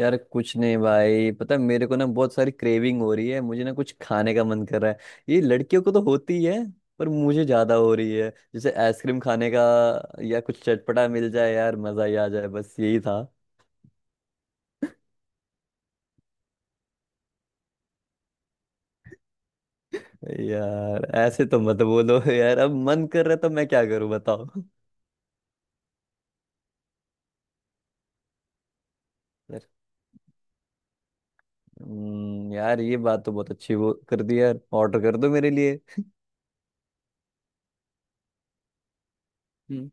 यार कुछ नहीं भाई। पता है मेरे को ना बहुत सारी क्रेविंग हो रही है। मुझे ना कुछ खाने का मन कर रहा है। ये लड़कियों को तो होती है पर मुझे ज्यादा हो रही है, जैसे आइसक्रीम खाने का, या कुछ चटपटा मिल जाए यार मजा ही आ जाए। बस यही था। यार ऐसे तो मत बोलो। यार अब मन कर रहा है तो मैं क्या करूं बताओ। यार हम्म। यार ये बात तो बहुत अच्छी वो कर दी यार। ऑर्डर कर दो मेरे लिए। हम्म।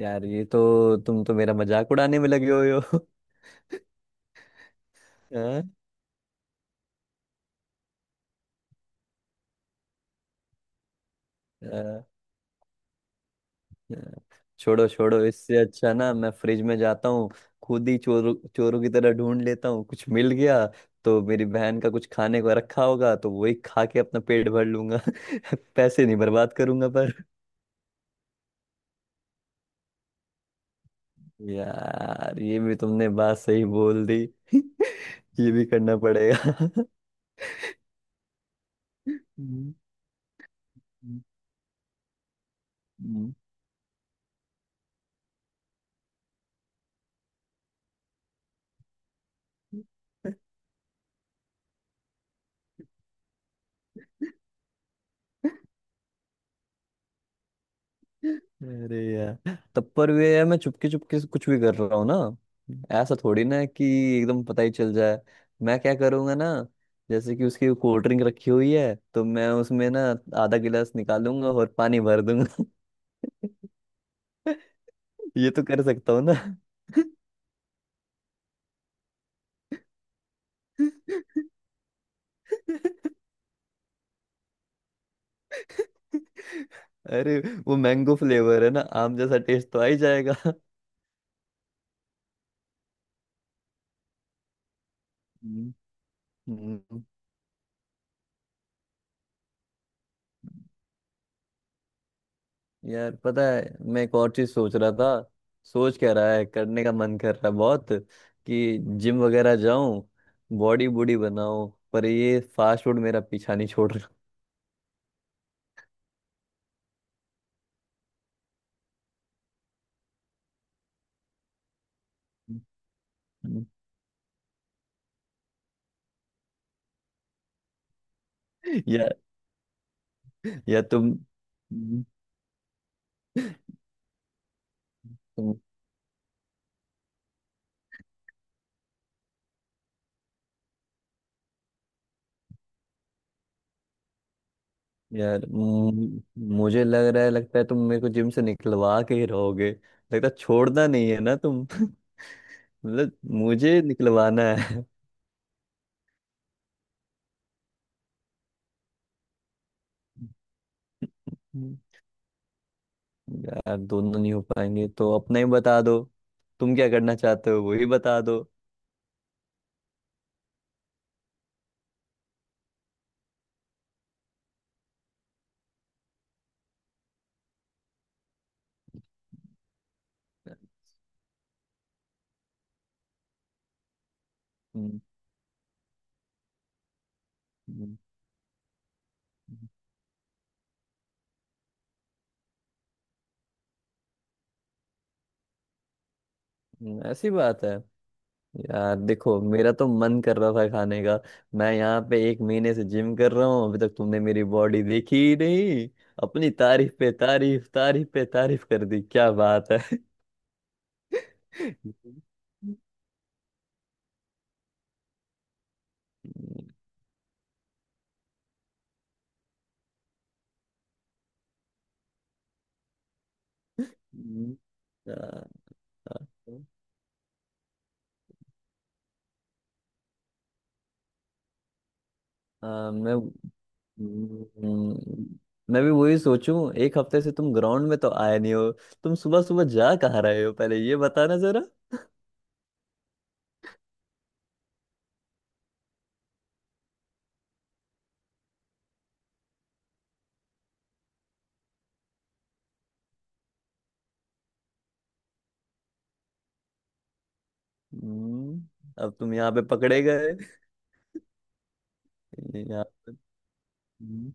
यार ये तो तुम तो मेरा मजाक उड़ाने में लगे हुए हो। हाँ? हाँ। छोड़ो छोड़ो, इससे अच्छा ना मैं फ्रिज में जाता हूँ। खुद ही चोरों चोरों की तरह ढूंढ लेता हूँ, कुछ मिल गया तो मेरी बहन का कुछ खाने को रखा होगा तो वही खा के अपना पेट भर लूंगा। पैसे नहीं बर्बाद करूंगा पर। यार ये भी तुमने बात सही बोल दी। ये भी करना पड़ेगा। हम्म। हम्म। हम्म। अरे यार, तब पर वे यार मैं चुपके चुपके से कुछ भी कर रहा हूँ ना, ऐसा थोड़ी ना है कि एकदम पता ही चल जाए। मैं क्या करूंगा ना, जैसे कि उसकी कोल्ड ड्रिंक रखी हुई है तो मैं उसमें ना आधा गिलास निकालूंगा और पानी भर दूंगा। ये तो कर सकता हूँ ना। अरे वो मैंगो फ्लेवर है ना, आम जैसा टेस्ट तो आ ही जाएगा। हम्म। हम्म। यार पता है, मैं एक और चीज सोच रहा था। सोच क्या रहा है, करने का मन कर रहा है बहुत कि जिम वगैरह जाऊं, बॉडी बूडी बनाऊं, पर ये फास्ट फूड मेरा पीछा नहीं छोड़ रहा। यार, या तुम तुम यार मुझे लग रहा है, लगता है तुम मेरे को जिम से निकलवा के ही रहोगे। लगता है छोड़ना नहीं है ना तुम। मतलब मुझे निकलवाना है। यार दोनों नहीं हो पाएंगे तो अपना ही बता दो, तुम क्या करना चाहते हो वही बता दो। हम्म। हम्म। हम्म। ऐसी बात है। यार देखो, मेरा तो मन कर रहा था खाने का। मैं यहाँ पे एक महीने से जिम कर रहा हूँ, अभी तक तुमने मेरी बॉडी देखी ही नहीं। अपनी तारीफ पे तारीफ, तारीफ पे तारीफ कर दी, क्या बात है। हम्म। हम्म। आ, आ, आ, हम्म, मैं भी वही सोचूं, एक हफ्ते से तुम ग्राउंड में तो आए नहीं हो। तुम सुबह सुबह जा कहाँ रहे हो, पहले ये बताना जरा। हम्म। अब तुम यहाँ पे पकड़े गए, यहाँ पे। हम्म,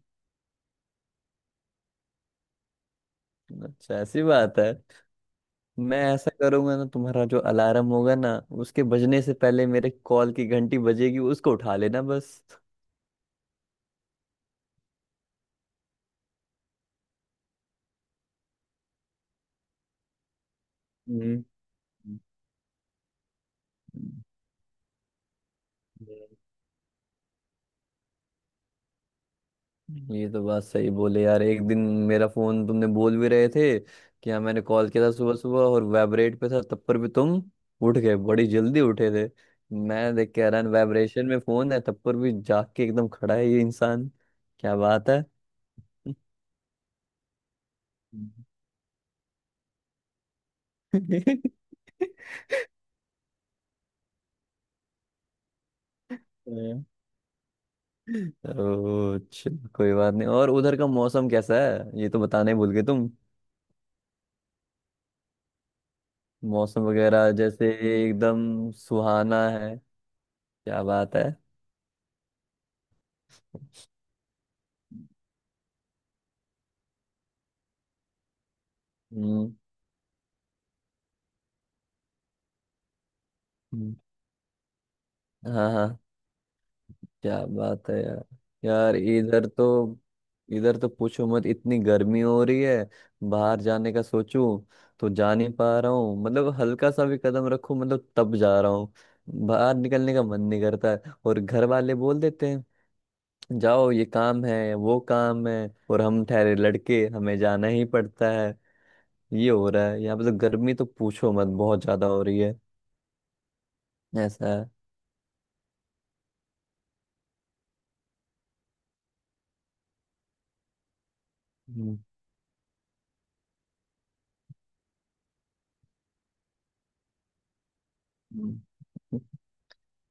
अच्छा ऐसी बात है। मैं ऐसा करूंगा ना, तुम्हारा जो अलार्म होगा ना, उसके बजने से पहले मेरे कॉल की घंटी बजेगी, उसको उठा लेना बस। हम्म। हम्म। हम्म। ये तो बात सही बोले यार, एक दिन मेरा फोन तुमने बोल भी रहे थे कि हाँ मैंने कॉल किया था सुबह सुबह और वाइब्रेट पे था, तब पर भी तुम उठ गए, बड़ी जल्दी उठे थे। मैं देख के हैरान, वाइब्रेशन में फोन है तब पर भी जाग के एकदम खड़ा है ये इंसान, क्या बात है। हाँ। चलो कोई बात नहीं, और उधर का मौसम कैसा है ये तो बताना ही भूल गए तुम। मौसम वगैरह जैसे एकदम सुहाना है, क्या बात है। हम्म। हम्म। हाँ हाँ, क्या बात है यार। यार इधर तो, इधर तो पूछो मत, इतनी गर्मी हो रही है। बाहर जाने का सोचूं तो जा नहीं पा रहा हूँ, मतलब हल्का सा भी कदम रखूं मतलब तब जा रहा हूँ, बाहर निकलने का मन नहीं करता है। और घर वाले बोल देते हैं जाओ ये काम है वो काम है, और हम ठहरे लड़के, हमें जाना ही पड़ता है। ये हो रहा है यहाँ पे, तो गर्मी तो पूछो मत, बहुत ज्यादा हो रही है। ऐसा है। हम्म। हम्म।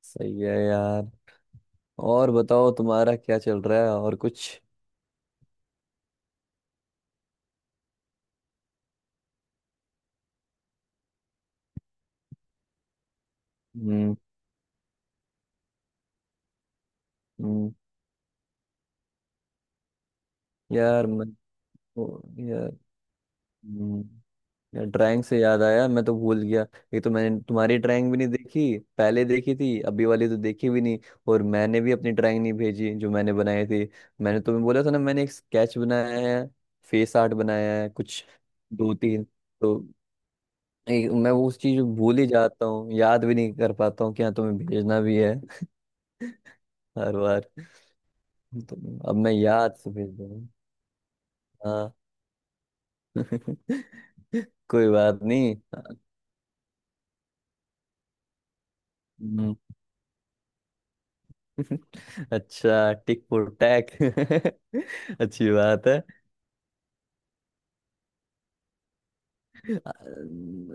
सही है यार। और बताओ, तुम्हारा क्या चल रहा है, और कुछ। हम्म। हम्म। यार मैं, ओ, यार हम्म। यार ड्राइंग से याद आया, मैं तो भूल गया। एक तो मैंने तुम्हारी ड्राइंग भी नहीं देखी, पहले देखी थी, अभी वाली तो देखी भी नहीं। और मैंने भी अपनी ड्राइंग नहीं भेजी जो मैंने बनाई थी। मैंने तुम्हें बोला था ना, मैंने एक स्केच बनाया है, फेस आर्ट बनाया है कुछ, दो तीन। तो मैं वो उस चीज को भूल ही जाता हूँ, याद भी नहीं कर पाता हूँ कि हाँ तुम्हें भेजना भी है, हर बार। तो अब मैं याद से भेज दूँ। हाँ। कोई बात नहीं। हम्म। अच्छा, टिक फॉर टैक। अच्छी बात है। हम्म।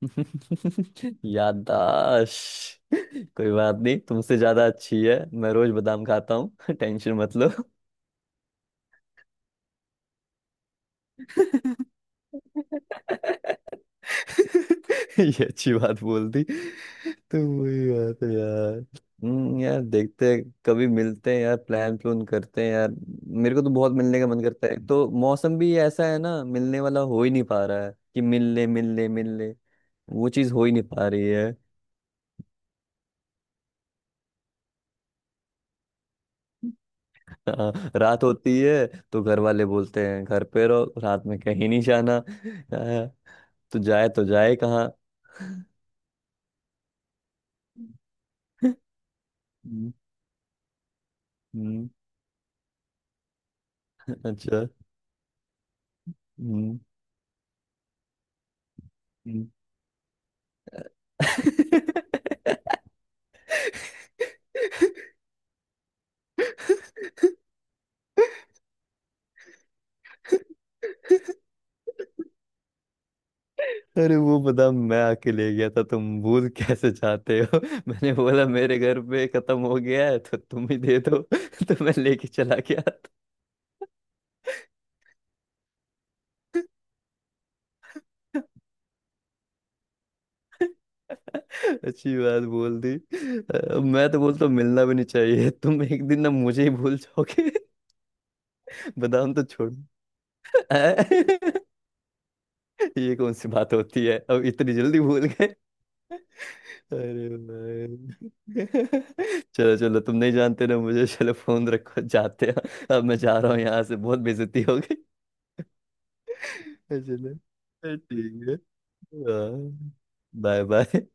याददाश्त। कोई बात नहीं, तुमसे ज्यादा अच्छी है, मैं रोज बादाम खाता हूँ। टेंशन मत लो। ये अच्छी बात बोल दी, तो वही बात है यार। हम्म। यार देखते हैं, कभी मिलते हैं यार, प्लान प्लून करते हैं यार। मेरे को तो बहुत मिलने का मन करता है, एक तो मौसम भी ऐसा है ना, मिलने वाला हो ही नहीं पा रहा है कि मिल ले मिल ले मिल ले, वो चीज हो ही नहीं पा रही है। हाँ, रात होती है तो घर वाले बोलते हैं घर पे रहो, रात में कहीं नहीं जाना। हाँ, तो जाए कहाँ। हम्म। हम्म। अच्छा। हम्म। हम्म। अरे वो बदाम मैं आके ले गया था, तुम भूल कैसे चाहते हो। मैंने बोला मेरे घर पे खत्म हो गया है तो तुम ही दे दो, तो मैं लेके चला गया था। अच्छी बात बोल दी। मैं तो बोलता हूँ मिलना भी नहीं चाहिए, तुम एक दिन ना मुझे ही भूल जाओगे। बादाम तो छोड़। अ, ये कौन सी बात होती है, अब इतनी जल्दी भूल। अरे भाई, चलो चलो, तुम नहीं जानते ना मुझे, चलो फोन रखो, जाते हैं, अब मैं जा रहा हूँ यहाँ से, बहुत बेइज्जती हो गई। चलो ठीक है। हाँ। Bye bye.